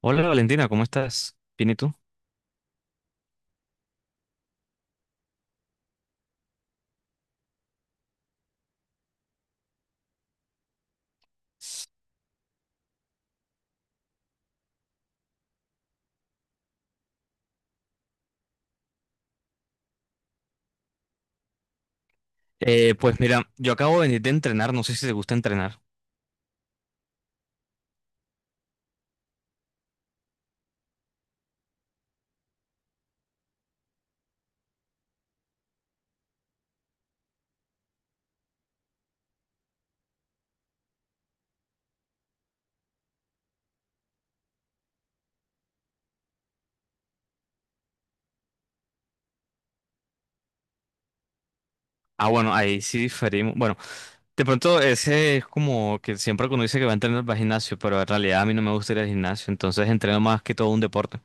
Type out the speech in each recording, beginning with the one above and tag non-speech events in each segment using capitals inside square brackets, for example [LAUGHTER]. Hola Valentina, ¿cómo estás? Bien, ¿y tú? Pues mira, yo acabo de venir de entrenar, no sé si te gusta entrenar. Ah, bueno, ahí sí diferimos. Bueno, de pronto ese es como que siempre que uno dice que va a entrenar para el gimnasio, pero en realidad a mí no me gusta ir al gimnasio, entonces entreno más que todo un deporte.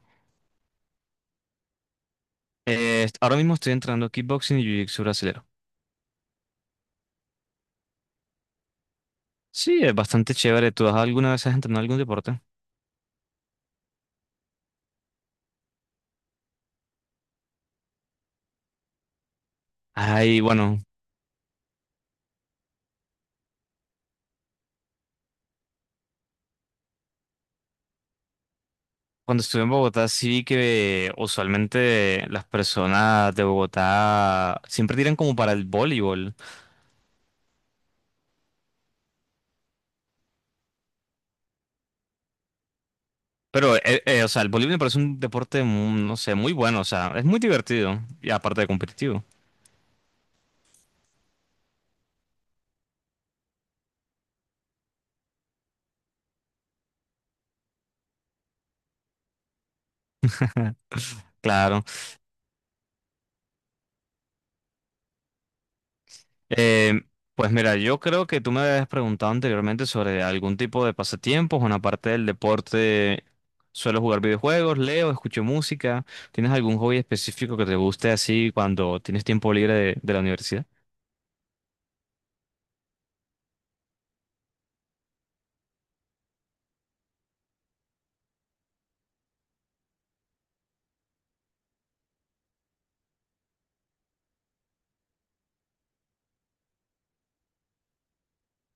Ahora mismo estoy entrenando kickboxing y jiu-jitsu brasilero. Sí, es bastante chévere. Alguna vez has entrenado algún deporte? Ay, bueno, cuando estuve en Bogotá sí vi que usualmente las personas de Bogotá siempre tiran como para el voleibol. Pero o sea, el voleibol me parece un deporte, no sé, muy bueno, o sea, es muy divertido y aparte de competitivo, claro. Eh, pues mira, yo creo que tú me habías preguntado anteriormente sobre algún tipo de pasatiempos, bueno, aparte del deporte, suelo jugar videojuegos, leo, escucho música. ¿Tienes algún hobby específico que te guste así cuando tienes tiempo libre de la universidad?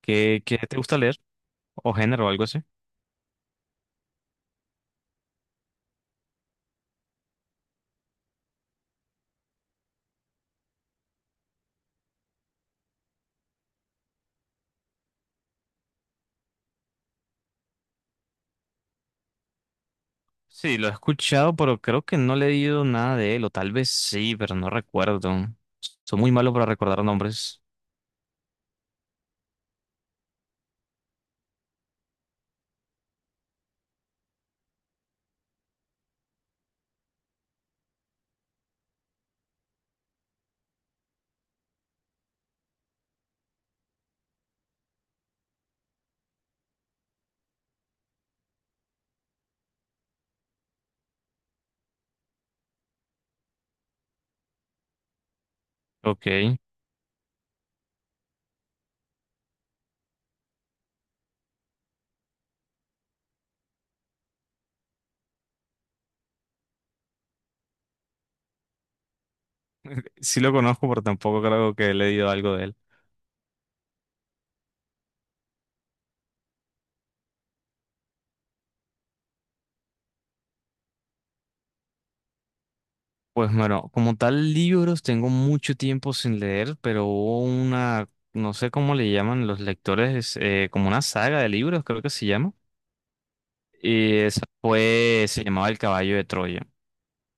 ¿Qué te gusta leer o género o algo así? Sí, lo he escuchado, pero creo que no le he leído nada de él, o tal vez sí, pero no recuerdo. Soy muy malo para recordar nombres. Ok, sí lo conozco, pero tampoco creo que he leído algo de él. Pues bueno, como tal, libros tengo mucho tiempo sin leer, pero hubo una, no sé cómo le llaman los lectores, como una saga de libros, creo que se llama. Y esa fue, se llamaba El Caballo de Troya.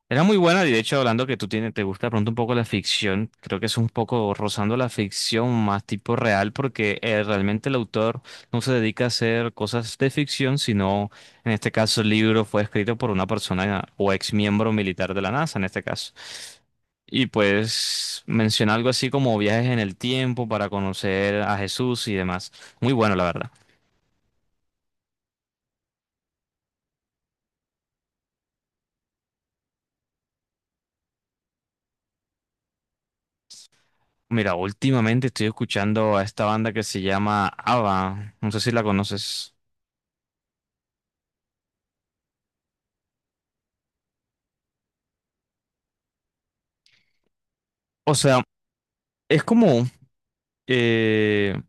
Era muy buena, y de hecho, hablando que tú tienes, te gusta de pronto un poco la ficción, creo que es un poco rozando la ficción más tipo real, porque realmente el autor no se dedica a hacer cosas de ficción, sino en este caso el libro fue escrito por una persona o ex miembro militar de la NASA, en este caso. Y pues menciona algo así como viajes en el tiempo para conocer a Jesús y demás. Muy bueno, la verdad. Mira, últimamente estoy escuchando a esta banda que se llama ABBA. No sé si la conoces. O sea, es como, eh,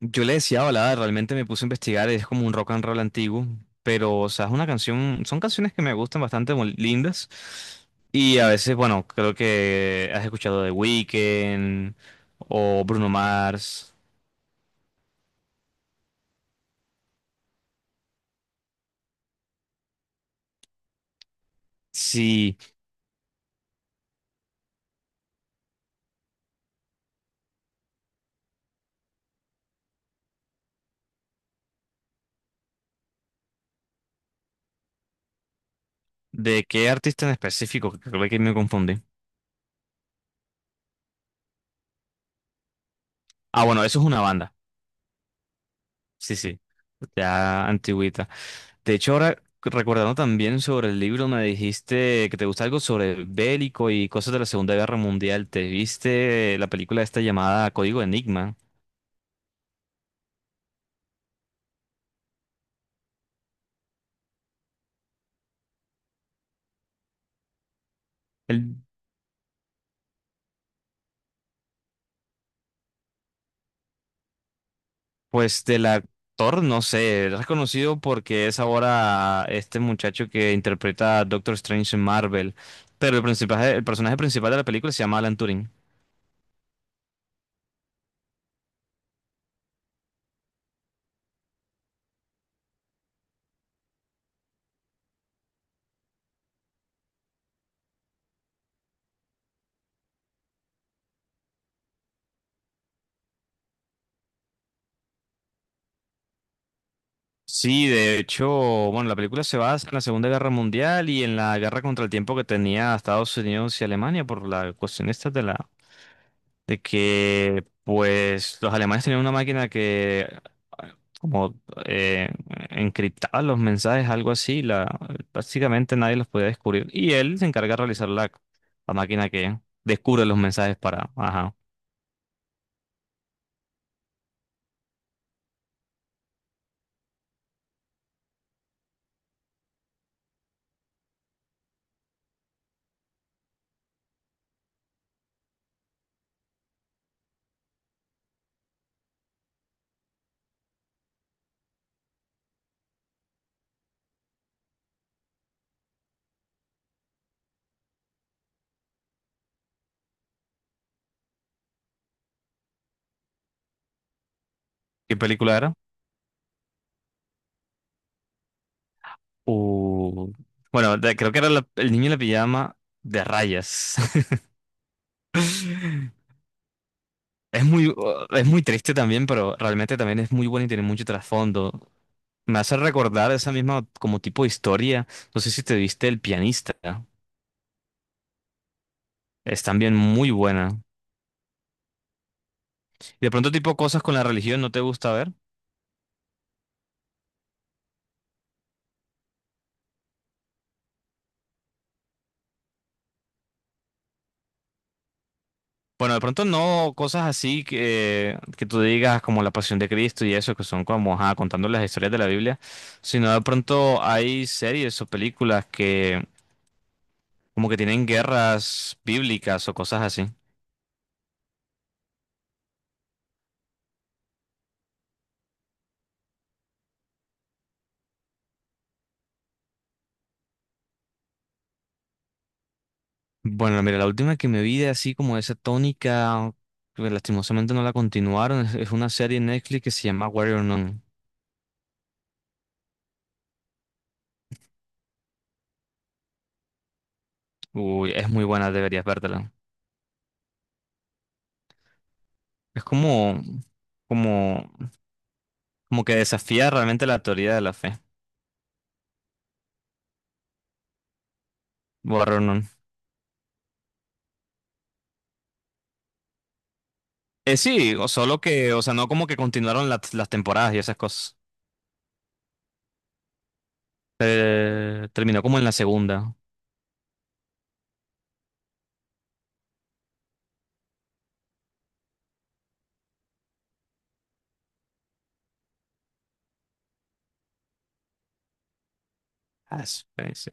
yo le decía balada, realmente me puse a investigar, es como un rock and roll antiguo, pero, o sea, es una canción, son canciones que me gustan bastante muy lindas. Y a veces, bueno, creo que has escuchado The Weeknd o Bruno Mars. Sí, ¿de qué artista en específico? Creo que me confundí. Ah, bueno, eso es una banda. Sí, sí, ya antigüita. De hecho, ahora recordando también sobre el libro, me dijiste que te gusta algo sobre bélico y cosas de la Segunda Guerra Mundial. ¿Te viste la película esta llamada Código Enigma? El, pues del actor, no sé, es reconocido porque es ahora este muchacho que interpreta a Doctor Strange en Marvel, pero el personaje principal de la película se llama Alan Turing. Sí, de hecho, bueno, la película se basa en la Segunda Guerra Mundial y en la guerra contra el tiempo que tenía Estados Unidos y Alemania por la cuestión esta de que pues los alemanes tenían una máquina que ah, como eh, encriptaba los mensajes, algo así, la básicamente nadie los podía descubrir y él se encarga de realizar la máquina que descubre los mensajes para, ajá. ¿Qué película era? Uh, bueno, creo que era El niño en la pijama de rayas. [LAUGHS] Es muy, es muy triste también, pero realmente también es muy bueno y tiene mucho trasfondo. Me hace recordar esa misma como tipo de historia. No sé si te viste El pianista. Es también muy buena. Y de pronto tipo cosas con la religión no te gusta ver. Bueno, de pronto no cosas así que tú digas como la Pasión de Cristo y eso, que son como ajá, contando las historias de la Biblia, sino de pronto hay series o películas que como que tienen guerras bíblicas o cosas así. Bueno, mira, la última que me vi de así como esa tónica, que lastimosamente no la continuaron, es una serie en Netflix que se llama Warrior Nun. Uy, es muy buena, deberías vértela. Es como, como, como que desafía realmente la teoría de la fe. Warrior Nun. Sí, o solo que, o sea, no como que continuaron las temporadas y esas cosas. Terminó como en la segunda. Sí.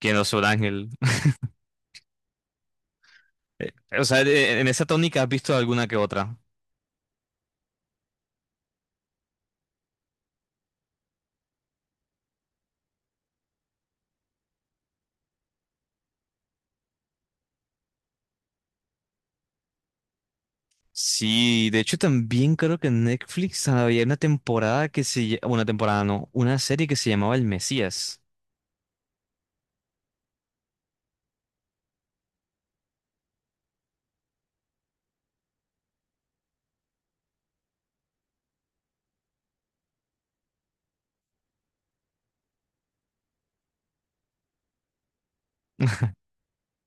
¿Quién no es un ángel? [LAUGHS] Eh, O sea, en esa tónica has visto alguna que otra. Sí, de hecho también creo que en Netflix había una temporada que una temporada no, una serie que se llamaba El Mesías.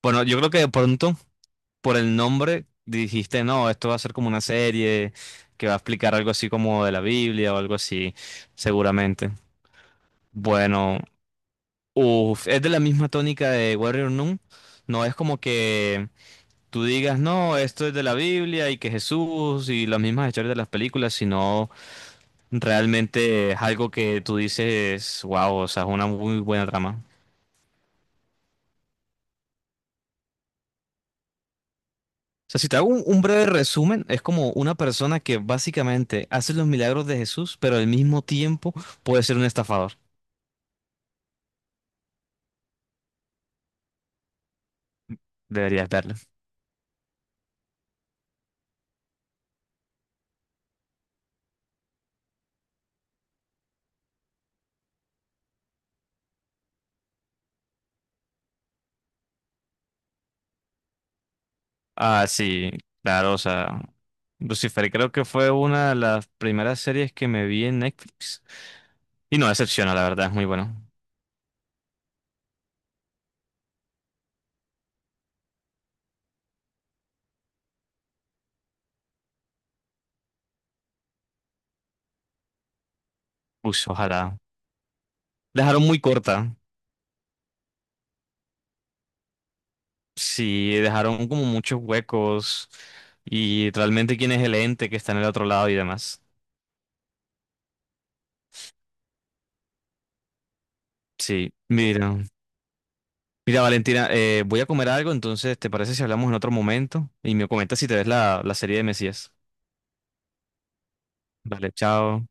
Bueno, yo creo que de pronto por el nombre dijiste, no, esto va a ser como una serie que va a explicar algo así como de la Biblia o algo así, seguramente. Bueno, uf, es de la misma tónica de Warrior Nun. No es como que tú digas, no, esto es de la Biblia y que Jesús y las mismas historias de las películas, sino realmente es algo que tú dices, wow, o sea, es una muy buena trama. O sea, si te hago un breve resumen, es como una persona que básicamente hace los milagros de Jesús, pero al mismo tiempo puede ser un estafador. Deberías verlo. Ah, sí, claro, o sea, Lucifer creo que fue una de las primeras series que me vi en Netflix. Y no decepciona, la verdad, es muy bueno. Uy, ojalá. La dejaron muy corta. Sí, dejaron como muchos huecos y realmente quién es el ente que está en el otro lado y demás. Sí, mira. Mira, Valentina, voy a comer algo, entonces, ¿te parece si hablamos en otro momento? Y me comentas si te ves la serie de Mesías. Vale, chao.